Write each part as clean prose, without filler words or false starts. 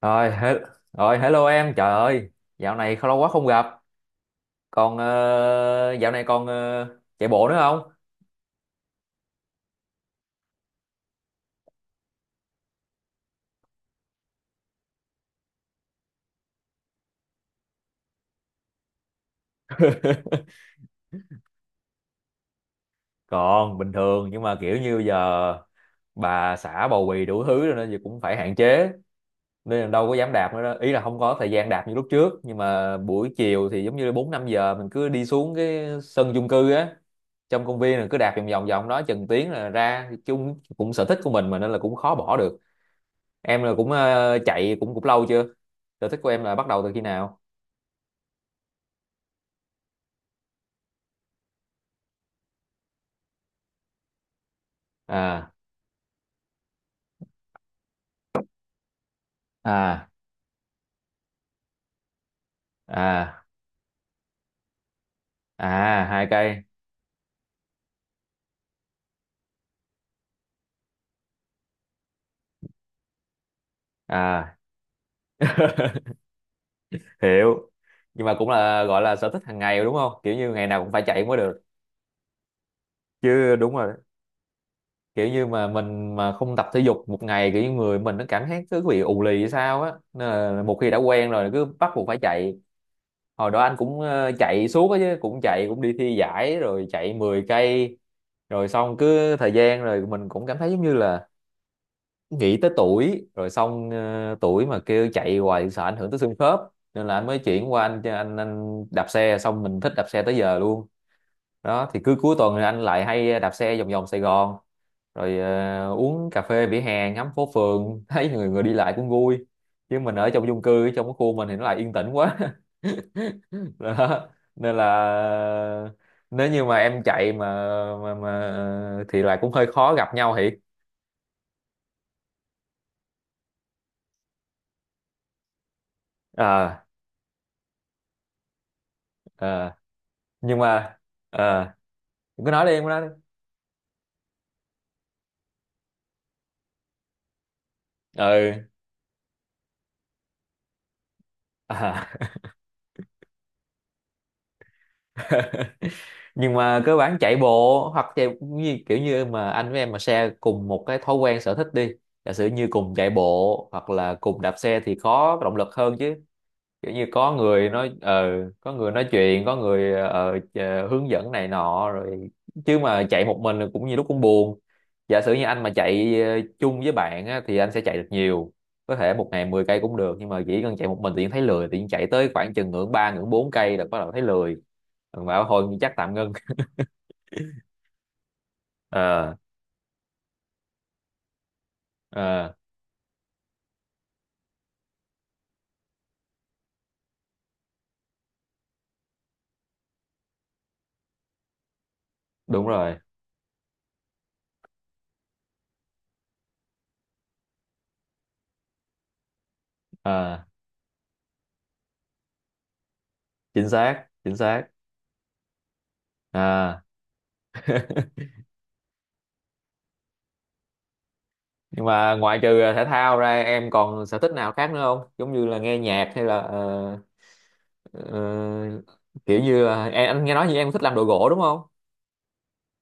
Rồi, rồi hello em, trời ơi, dạo này lâu quá không gặp. Còn dạo này còn chạy bộ nữa không? Còn bình thường nhưng mà kiểu như giờ bà xã bầu bì đủ thứ rồi nên giờ cũng phải hạn chế nên là đâu có dám đạp nữa đó. Ý là không có thời gian đạp như lúc trước nhưng mà buổi chiều thì giống như 4-5 giờ mình cứ đi xuống cái sân chung cư á, trong công viên là cứ đạp vòng vòng vòng đó chừng tiếng là ra chung cũng sở thích của mình mà nên là cũng khó bỏ được. Em là cũng chạy cũng cũng lâu chưa, sở thích của em là bắt đầu từ khi nào? À, à, à, à, 2 cây? À. Hiểu. Nhưng mà cũng là gọi là sở thích hàng ngày đúng không, kiểu như ngày nào cũng phải chạy mới được chứ? Đúng rồi, kiểu như mà mình mà không tập thể dục một ngày kiểu như người mình nó cảm thấy cứ bị ù lì hay sao á, nên là một khi đã quen rồi cứ bắt buộc phải chạy. Hồi đó anh cũng chạy suốt á chứ, cũng chạy cũng đi thi giải rồi, chạy 10 cây, rồi xong cứ thời gian rồi mình cũng cảm thấy giống như là nghĩ tới tuổi rồi, xong tuổi mà kêu chạy hoài sợ ảnh hưởng tới xương khớp, nên là anh mới chuyển qua anh đạp xe, xong mình thích đạp xe tới giờ luôn đó. Thì cứ cuối tuần thì anh lại hay đạp xe vòng vòng Sài Gòn rồi uống cà phê vỉa hè ngắm phố phường, thấy người người đi lại cũng vui, chứ mình ở trong chung cư trong cái khu mình thì nó lại yên tĩnh quá. Đó, nên là nếu như mà em chạy mà mà thì là cũng hơi khó gặp nhau thiệt. À, à, nhưng mà à, đừng có nói, đi em cứ nói đi. Ừ. À. Nhưng mà cơ bản chạy bộ hoặc chạy như, kiểu như mà anh với em mà share cùng một cái thói quen sở thích đi, giả sử như cùng chạy bộ hoặc là cùng đạp xe thì có động lực hơn chứ, kiểu như có người nói có người nói chuyện, có người hướng dẫn này nọ, rồi chứ mà chạy một mình thì cũng như lúc cũng buồn. Giả sử như anh mà chạy chung với bạn á, thì anh sẽ chạy được nhiều, có thể một ngày 10 cây cũng được, nhưng mà chỉ cần chạy một mình thì thấy lười, thì chạy tới khoảng chừng ngưỡng ba ngưỡng bốn cây là bắt đầu thấy lười. Rồi bảo thôi chắc tạm ngưng. Ờ. Ờ, đúng rồi. Ờ, chính xác, chính xác. Ờ, nhưng mà ngoại trừ thể thao ra em còn sở thích nào khác nữa không, giống như là nghe nhạc hay là ờ, kiểu như là anh nghe nói như em thích làm đồ gỗ đúng không?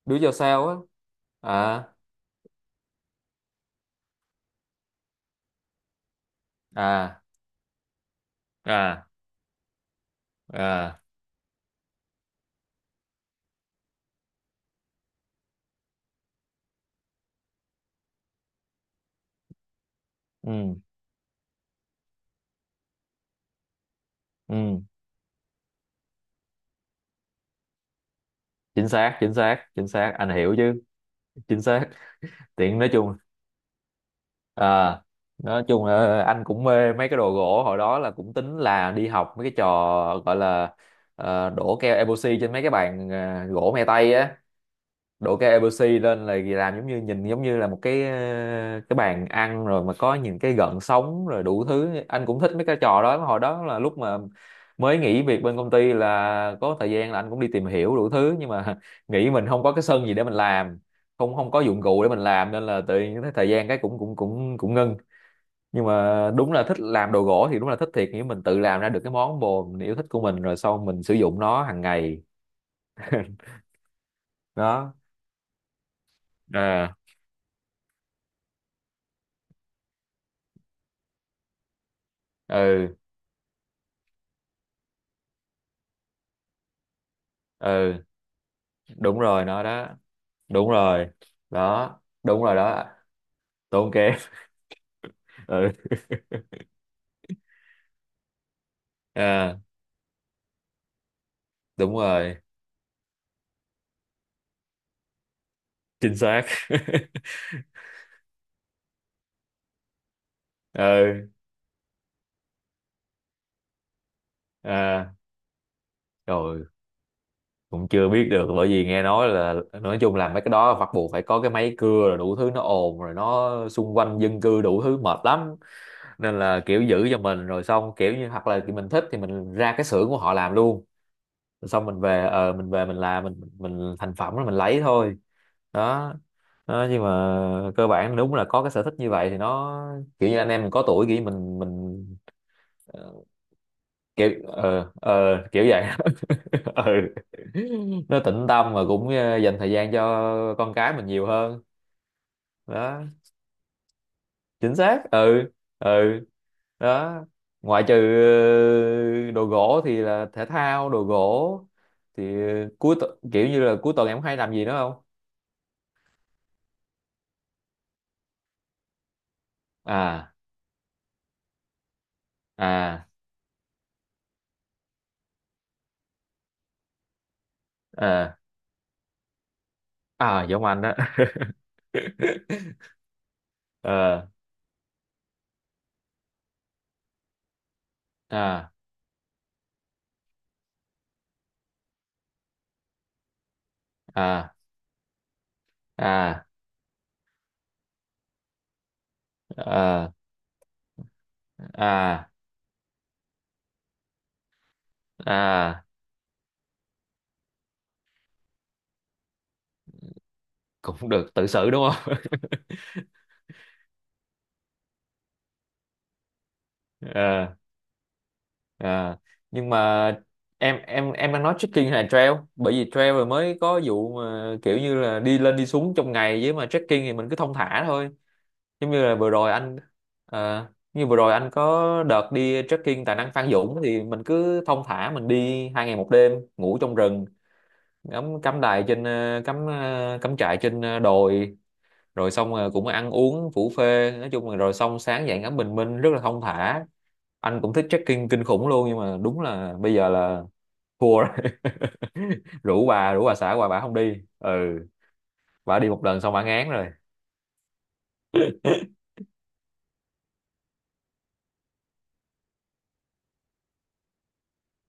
Do yourself á. À, à, à, à. Ừ. Ừ, chính xác, chính xác, chính xác, anh hiểu chứ. Chính xác. Tiện, nói chung. À, nói chung là anh cũng mê mấy cái đồ gỗ, hồi đó là cũng tính là đi học mấy cái trò gọi là đổ keo epoxy trên mấy cái bàn gỗ me tây á, đổ cái ABC lên là làm giống như nhìn giống như là một cái cái bàn ăn rồi mà có những cái gợn sóng rồi đủ thứ. Anh cũng thích mấy cái trò đó, hồi đó là lúc mà mới nghỉ việc bên công ty là có thời gian, là anh cũng đi tìm hiểu đủ thứ, nhưng mà nghĩ mình không có cái sân gì để mình làm, không không có dụng cụ để mình làm, nên là tự nhiên cái thời gian cái cũng cũng cũng cũng ngưng. Nhưng mà đúng là thích làm đồ gỗ thì đúng là thích thiệt, nghĩa mình tự làm ra được cái món bồ mình yêu thích của mình rồi sau mình sử dụng nó hàng ngày đó. À. Ừ. Ừ, đúng rồi, nó đó, đúng rồi đó, đúng rồi đó. Tốn kém. Ừ. À, đúng rồi, chính xác. Ừ. À, rồi, cũng chưa biết được, bởi vì nghe nói là nói chung là mấy cái đó bắt buộc phải có cái máy cưa rồi đủ thứ, nó ồn rồi nó xung quanh dân cư đủ thứ mệt lắm, nên là kiểu giữ cho mình, rồi xong kiểu như hoặc là mình thích thì mình ra cái xưởng của họ làm luôn. Rồi xong mình về mình làm mình thành phẩm rồi mình lấy thôi đó. Đó, nhưng mà cơ bản đúng là có cái sở thích như vậy thì nó kiểu như anh em mình có tuổi, kiểu như mình ờ, kiểu ờ ờ kiểu vậy. Ờ, nó tĩnh tâm mà cũng dành thời gian cho con cái mình nhiều hơn đó, chính xác. Ừ. Ừ. Đó, ngoại trừ ờ, đồ gỗ thì là thể thao, đồ gỗ thì kiểu như là cuối tuần em hay làm gì nữa không? À, à, à, à giống anh đó. Ờ. À, à, à, à, à, à, cũng được tự xử đúng không? À. À. Nhưng mà em đang nói trekking hay là trail, bởi vì trail rồi mới có vụ mà kiểu như là đi lên đi xuống trong ngày, với mà trekking thì mình cứ thong thả thôi. Giống như là vừa rồi anh, à, như vừa rồi anh có đợt đi trekking tại năng Phan Dũng thì mình cứ thong thả mình đi 2 ngày 1 đêm, ngủ trong rừng, cắm cắm trại trên ờ, cắm trại trên đồi, rồi xong rồi cũng ăn uống phủ phê, nói chung là, rồi xong sáng dậy ngắm bình minh rất là thong thả. Anh cũng thích trekking kinh khủng luôn, nhưng mà đúng là bây giờ là thua rồi. Rủ bà xã qua bà không đi. Ừ, bà đi một lần xong bà ngán rồi.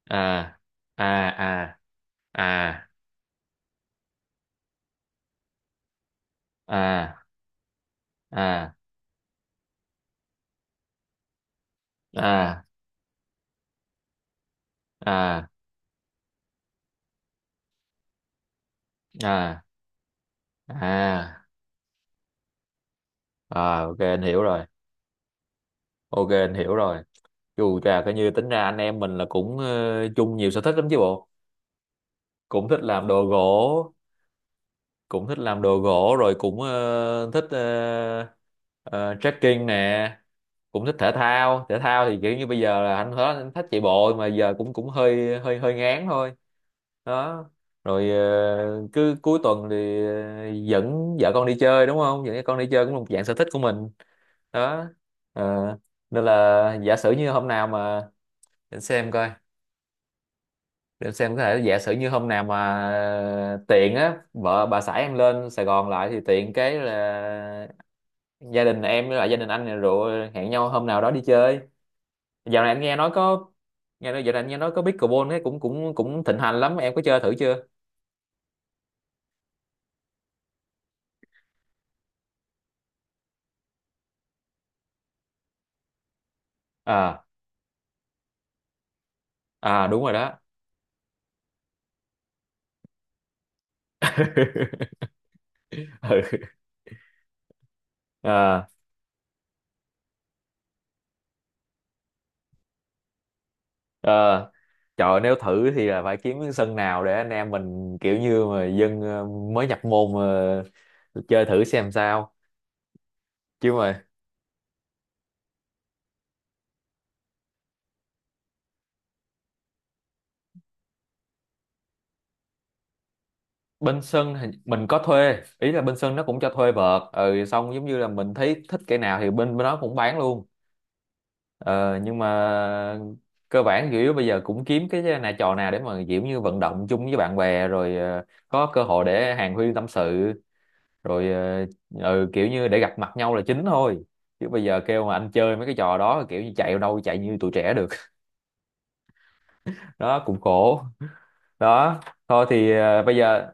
À, à, à, à, à, à, à, à, à, à, à, ok anh hiểu rồi. OK anh hiểu rồi. Dù chà, coi như tính ra anh em mình là cũng chung nhiều sở thích lắm chứ bộ, cũng thích làm đồ gỗ, cũng thích làm đồ gỗ rồi cũng thích ờ, trekking nè, cũng thích thể thao. Thể thao thì kiểu như bây giờ là anh hết, anh thích chạy bộ mà giờ cũng cũng hơi hơi hơi ngán thôi đó. Rồi cứ cuối tuần thì dẫn vợ con đi chơi đúng không, dẫn con đi chơi cũng là một dạng sở thích của mình đó. Ờ, nên là giả sử như hôm nào mà để xem coi, để em xem có thể giả sử như hôm nào mà tiện á, vợ bà xã em lên Sài Gòn lại thì tiện cái là gia đình em với lại gia đình anh này rồi hẹn nhau hôm nào đó đi chơi. Dạo này anh nghe nói có, nghe nói dạo này anh nghe nói có pickleball ấy cũng cũng cũng thịnh hành lắm, em có chơi thử chưa? À, à, đúng rồi đó. Ừ. À. À. Trời ơi, nếu thử thì là phải kiếm cái sân nào để anh em mình kiểu như mà dân mới nhập môn mà chơi thử xem sao, chứ mà bên sân thì mình có thuê, ý là bên sân nó cũng cho thuê vợt, ừ, xong giống như là mình thấy thích cái nào thì bên bên đó cũng bán luôn. Ờ, nhưng mà cơ bản chủ yếu bây giờ cũng kiếm cái nà trò nào để mà kiểu như vận động chung với bạn bè, rồi có cơ hội để hàn huyên tâm sự, rồi ừ, kiểu như để gặp mặt nhau là chính thôi, chứ bây giờ kêu mà anh chơi mấy cái trò đó kiểu như chạy đâu chạy như tụi trẻ được. Đó cũng khổ đó. Thôi thì bây giờ,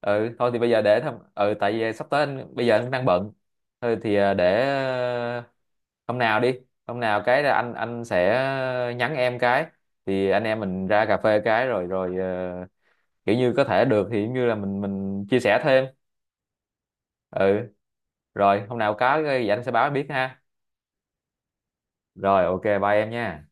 ừ thôi thì bây giờ để thăm, ừ, tại vì sắp tới anh bây giờ anh cũng đang bận, thôi thì hôm nào đi, hôm nào cái là anh sẽ nhắn em cái, thì anh em mình ra cà phê cái rồi rồi kiểu như có thể được thì giống như là mình chia sẻ thêm. Ừ, rồi hôm nào có cái gì anh sẽ báo em biết ha. Rồi, ok bye em nha.